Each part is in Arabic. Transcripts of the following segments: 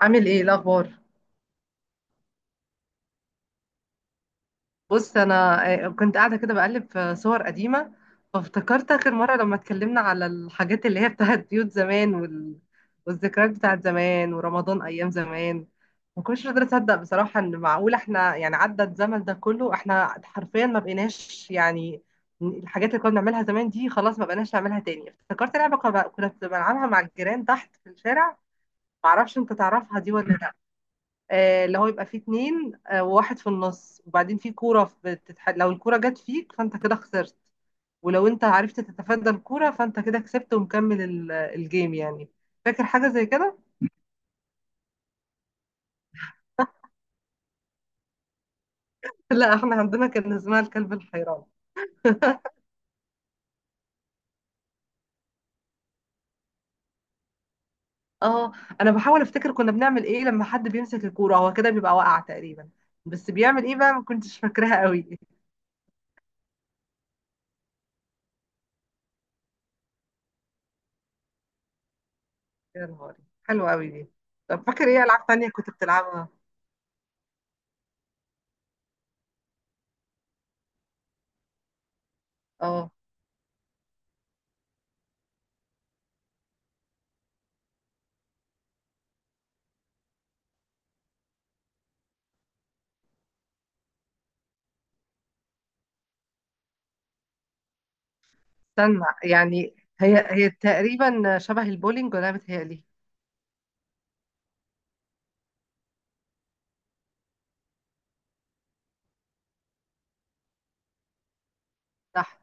عامل ايه إيه الاخبار. بص انا كنت قاعده كده بقلب في صور قديمه، فافتكرت اخر مره لما اتكلمنا على الحاجات اللي هي بتاعت بيوت زمان والذكريات بتاعت زمان ورمضان ايام زمان. ما كنتش قادره اصدق بصراحه ان معقول احنا عدى الزمن ده كله احنا حرفيا ما بقيناش الحاجات اللي كنا بنعملها زمان دي خلاص ما بقيناش نعملها تاني. افتكرت لعبه كنا بنلعبها مع الجيران تحت في الشارع، معرفش انت تعرفها دي ولا. اللي هو يبقى فيه اتنين، وواحد في النص، وبعدين فيه كورة لو الكورة جت فيك فانت كده خسرت، ولو انت عرفت تتفادى الكورة فانت كده كسبت ومكمل الجيم. فاكر حاجة زي كده؟ لا احنا عندنا كان اسمها الكلب الحيران. اه، انا بحاول افتكر كنا بنعمل ايه لما حد بيمسك الكورة. هو كده بيبقى واقع تقريبا، بس بيعمل ايه بقى؟ ما كنتش فاكراها قوي. يا نهاري، حلوة قوي دي. طب فاكر ايه العاب تانية كنت بتلعبها؟ اه، استنى هي تقريبا شبه البولينج ولا أنا بتهيألي؟ صح.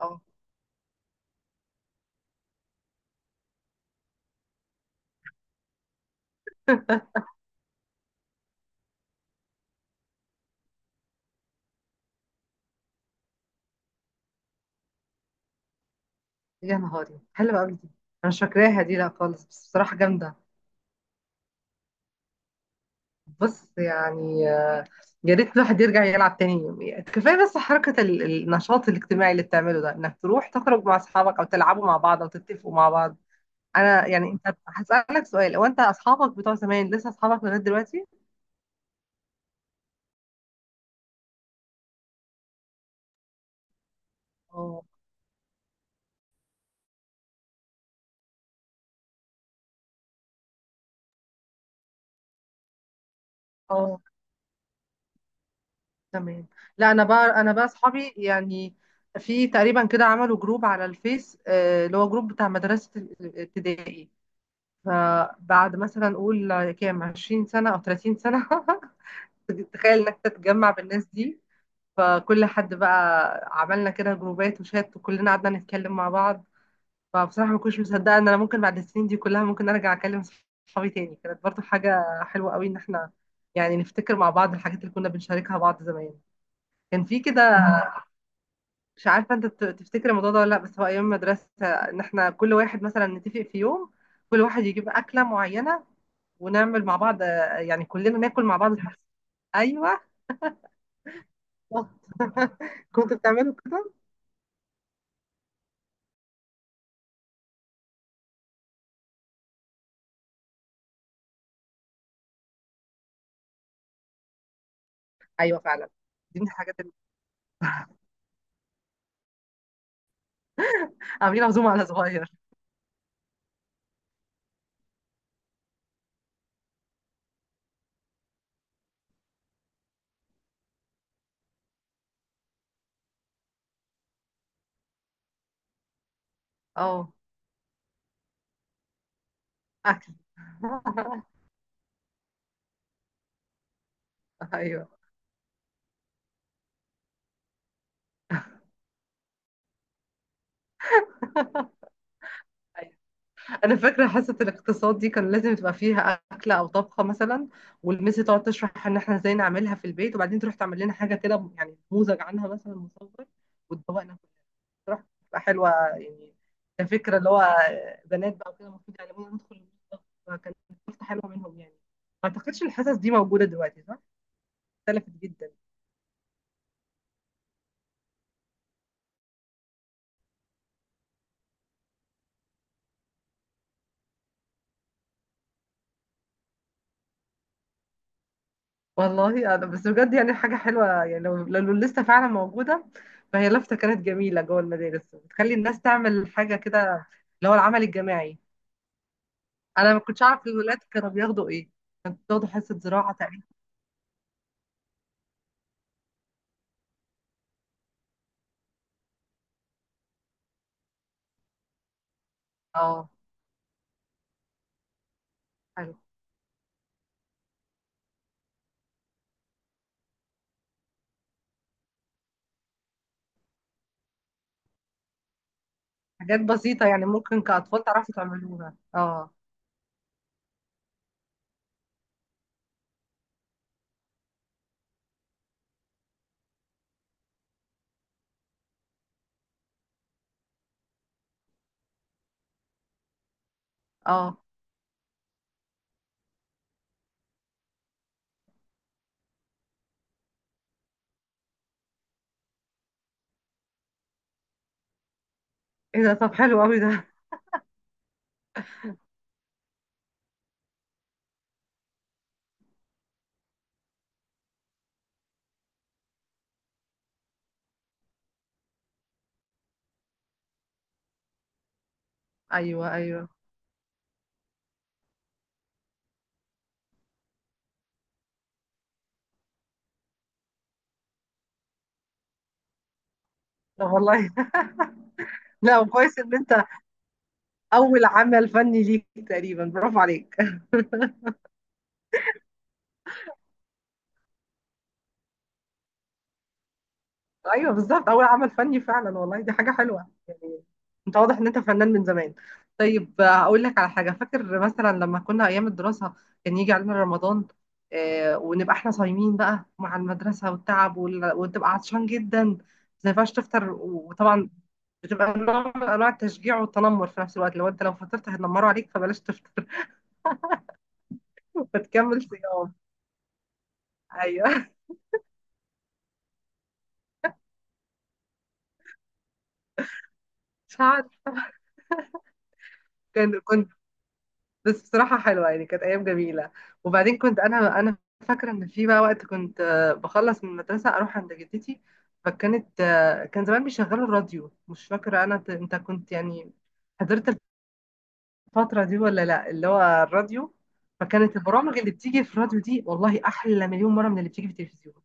اه، يا نهاري، حلوة أوي دي. أنا مش فاكراها دي لا خالص، بس بصراحة جامدة. بص يا ريت الواحد يرجع يلعب تاني. كفاية بس حركة النشاط الاجتماعي اللي بتعمله ده، إنك تروح تخرج مع أصحابك أو تلعبوا مع بعض أو تتفقوا مع بعض. أنا أنت هسألك سؤال، هو أنت أصحابك بتوع زمان لسه أصحابك لغاية دلوقتي؟ اه، اه، تمام. لا انا بقى اصحابي. في تقريبا كده عملوا جروب على الفيس، اللي هو جروب بتاع مدرسة الابتدائي. فبعد مثلا اقول كام، 20 سنة او 30 سنة؟ تخيل انك تتجمع بالناس دي. فكل حد بقى عملنا كده جروبات وشات، وكلنا قعدنا نتكلم مع بعض. فبصراحة ما كنتش مصدقة ان انا ممكن بعد السنين دي كلها ممكن ارجع اكلم صحابي تاني. كانت برضو حاجة حلوة قوي ان احنا نفتكر مع بعض الحاجات اللي كنا بنشاركها بعض زمان. كان في كده، مش عارفه انت تفتكر الموضوع ده ولا لا، بس هو ايام المدرسه ان احنا كل واحد مثلا نتفق في يوم، كل واحد يجيب اكله معينه، ونعمل مع بعض، كلنا ناكل مع بعض الحاجة. ايوه، بالظبط. كنت بتعملوا كده؟ ايوه فعلا، دي من الحاجات اللي عاملين عزومه على صغير. اه، اكل. ايوه، انا فاكره حصه الاقتصاد دي كان لازم تبقى فيها اكله او طبخه مثلا، والميس تقعد تشرح ان احنا ازاي نعملها في البيت، وبعدين تروح تعمل لنا حاجه كده نموذج عنها مثلا مصور، وتدوقنا كلنا. بصراحه بتبقى حلوه كفكره، اللي هو بنات بقى وكده المفروض يعلمونا ندخل المطبخ، فكانت فرصه حلوه منهم. ما اعتقدش الحصص دي موجوده دلوقتي صح؟ اختلفت جدا. والله انا بس بجد حاجه حلوه لو لسه فعلا موجوده، فهي لفته كانت جميله جوه المدارس، بتخلي الناس تعمل حاجه كده، اللي هو العمل الجماعي. انا ما كنتش اعرف الولاد كانوا بياخدوا ايه. بياخدوا حصه زراعه تقريبا. اه، حلو. حاجات بسيطه ممكن كاطفال تعرفوا تعملوها، اه. اه، ايه ده؟ طب حلو قوي ده. ايوه ايوه. طب والله. لا كويس ان انت، اول عمل فني ليك تقريبا، برافو عليك. ايوه بالظبط، اول عمل فني فعلا والله. دي حاجه حلوه. انت واضح ان انت فنان من زمان. طيب، اقول لك على حاجه. فاكر مثلا لما كنا ايام الدراسه كان يجي علينا رمضان، آه، ونبقى احنا صايمين بقى مع المدرسه والتعب وتبقى عطشان جدا، ما ينفعش تفطر. وطبعا بتبقى نوع من انواع التشجيع والتنمر في نفس الوقت، لو انت فطرت هيتنمروا عليك، فبلاش تفطر. فتكمل صيام. ايوه، مش عارف. كان، كنت، بس بصراحة حلوة كانت أيام جميلة. وبعدين كنت أنا فاكرة إن في بقى وقت كنت بخلص من المدرسة أروح عند جدتي، فكانت كان زمان بيشغلوا الراديو. مش فاكرة أنا أنت كنت حضرت الفترة دي ولا لأ، اللي هو الراديو. فكانت البرامج اللي بتيجي في الراديو دي والله أحلى مليون مرة من اللي بتيجي في التلفزيون.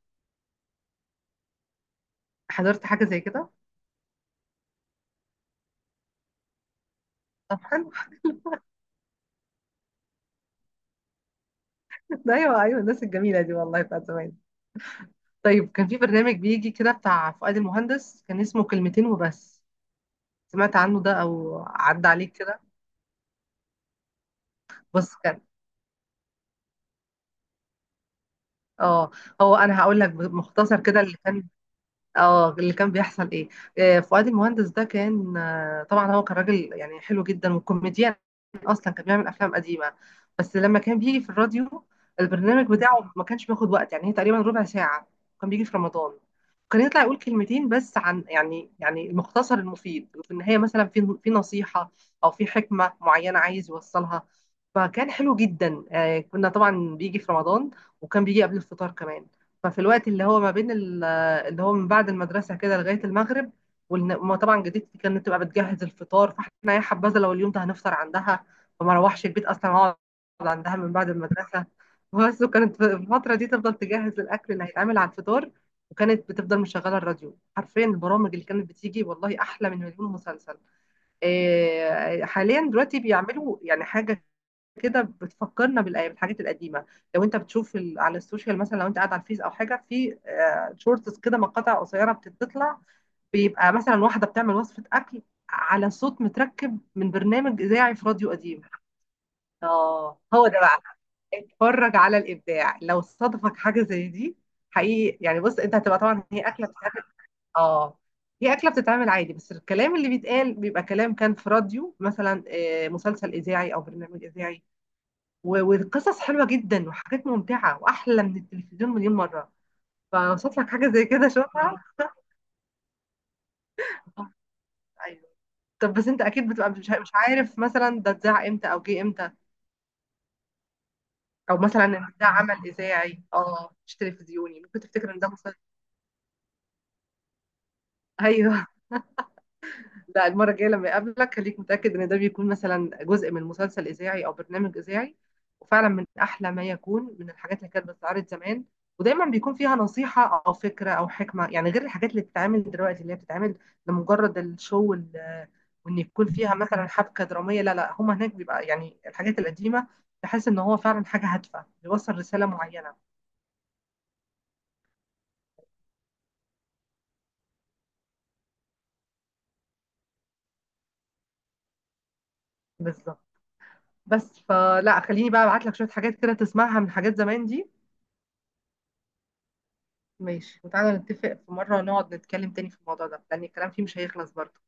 حضرت حاجة زي كده؟ طب حلو. أيوه أيوه، الناس الجميلة دي والله بتاعت زمان. طيب كان في برنامج بيجي كده بتاع فؤاد المهندس، كان اسمه كلمتين وبس. سمعت عنه ده او عدى عليك كده؟ بص، كان، اه، هو انا هقول لك مختصر كده اللي كان، اه، اللي كان بيحصل ايه. فؤاد المهندس ده كان، طبعا هو كان راجل حلو جدا وكوميديان، اصلا كان بيعمل افلام قديمه. بس لما كان بيجي في الراديو، البرنامج بتاعه ما كانش بياخد وقت، هي تقريبا ربع ساعه. كان بيجي في رمضان، كان يطلع يقول كلمتين بس عن المختصر المفيد، وفي النهايه مثلا في نصيحه او في حكمه معينه عايز يوصلها. فكان حلو جدا، كنا طبعا بيجي في رمضان، وكان بيجي قبل الفطار كمان. ففي الوقت اللي هو ما بين ال، اللي هو من بعد المدرسة كده لغاية المغرب، وما طبعا جدتي كانت تبقى بتجهز الفطار، فاحنا يا حبذا لو اليوم ده هنفطر عندها. فما اروحش البيت اصلا، اقعد عندها من بعد المدرسة بس. وكانت في الفترة دي تفضل تجهز الأكل اللي هيتعمل على الفطار، وكانت بتفضل مشغلة الراديو. حرفيا البرامج اللي كانت بتيجي والله أحلى من مليون مسلسل. إيه، حاليا دلوقتي بيعملوا حاجة كده بتفكرنا بالأيام بالحاجات القديمة. لو انت بتشوف على السوشيال مثلا، لو انت قاعد على الفيس او حاجة في، شورتس كده مقاطع قصيرة بتطلع، بيبقى مثلا واحدة بتعمل وصفة أكل على صوت متركب من برنامج إذاعي في راديو قديم. اه هو ده بقى. اتفرج على الإبداع لو صادفك حاجة زي دي. حقيقي بص انت هتبقى، طبعا هي أكلة بتتعمل، اه، هي أكلة بتتعمل عادي، بس الكلام اللي بيتقال بيبقى كلام كان في راديو مثلا، مسلسل إذاعي أو برنامج إذاعي. والقصص حلوه جدا وحاجات ممتعه واحلى من التلفزيون مليون مره. فوصلت لك حاجه زي كده شوفها. ايوه. طب بس انت اكيد بتبقى مش عارف مثلا ده اتذاع امتى او جه امتى، او مثلا ان ده عمل اذاعي، اه، مش تلفزيوني، ممكن تفتكر ان ده مسلسل. ايوه. لا المرة الجاية لما أقابلك خليك متأكد إن ده بيكون مثلا جزء من مسلسل إذاعي أو برنامج إذاعي، وفعلا من أحلى ما يكون من الحاجات اللي كانت بتتعرض زمان. ودايما بيكون فيها نصيحة أو فكرة أو حكمة، غير الحاجات اللي بتتعمل دلوقتي اللي هي بتتعمل لمجرد الشو وإن يكون فيها مثلا حبكة درامية. لا لا، هما هناك بيبقى الحاجات القديمة تحس إن هو فعلا حاجة هادفة بيوصل رسالة معينة. بالظبط. بس فلا خليني بقى أبعت لك شوية حاجات كده تسمعها من حاجات زمان دي. ماشي، وتعالى نتفق في مرة نقعد نتكلم تاني في الموضوع ده، لأن الكلام فيه مش هيخلص برضه.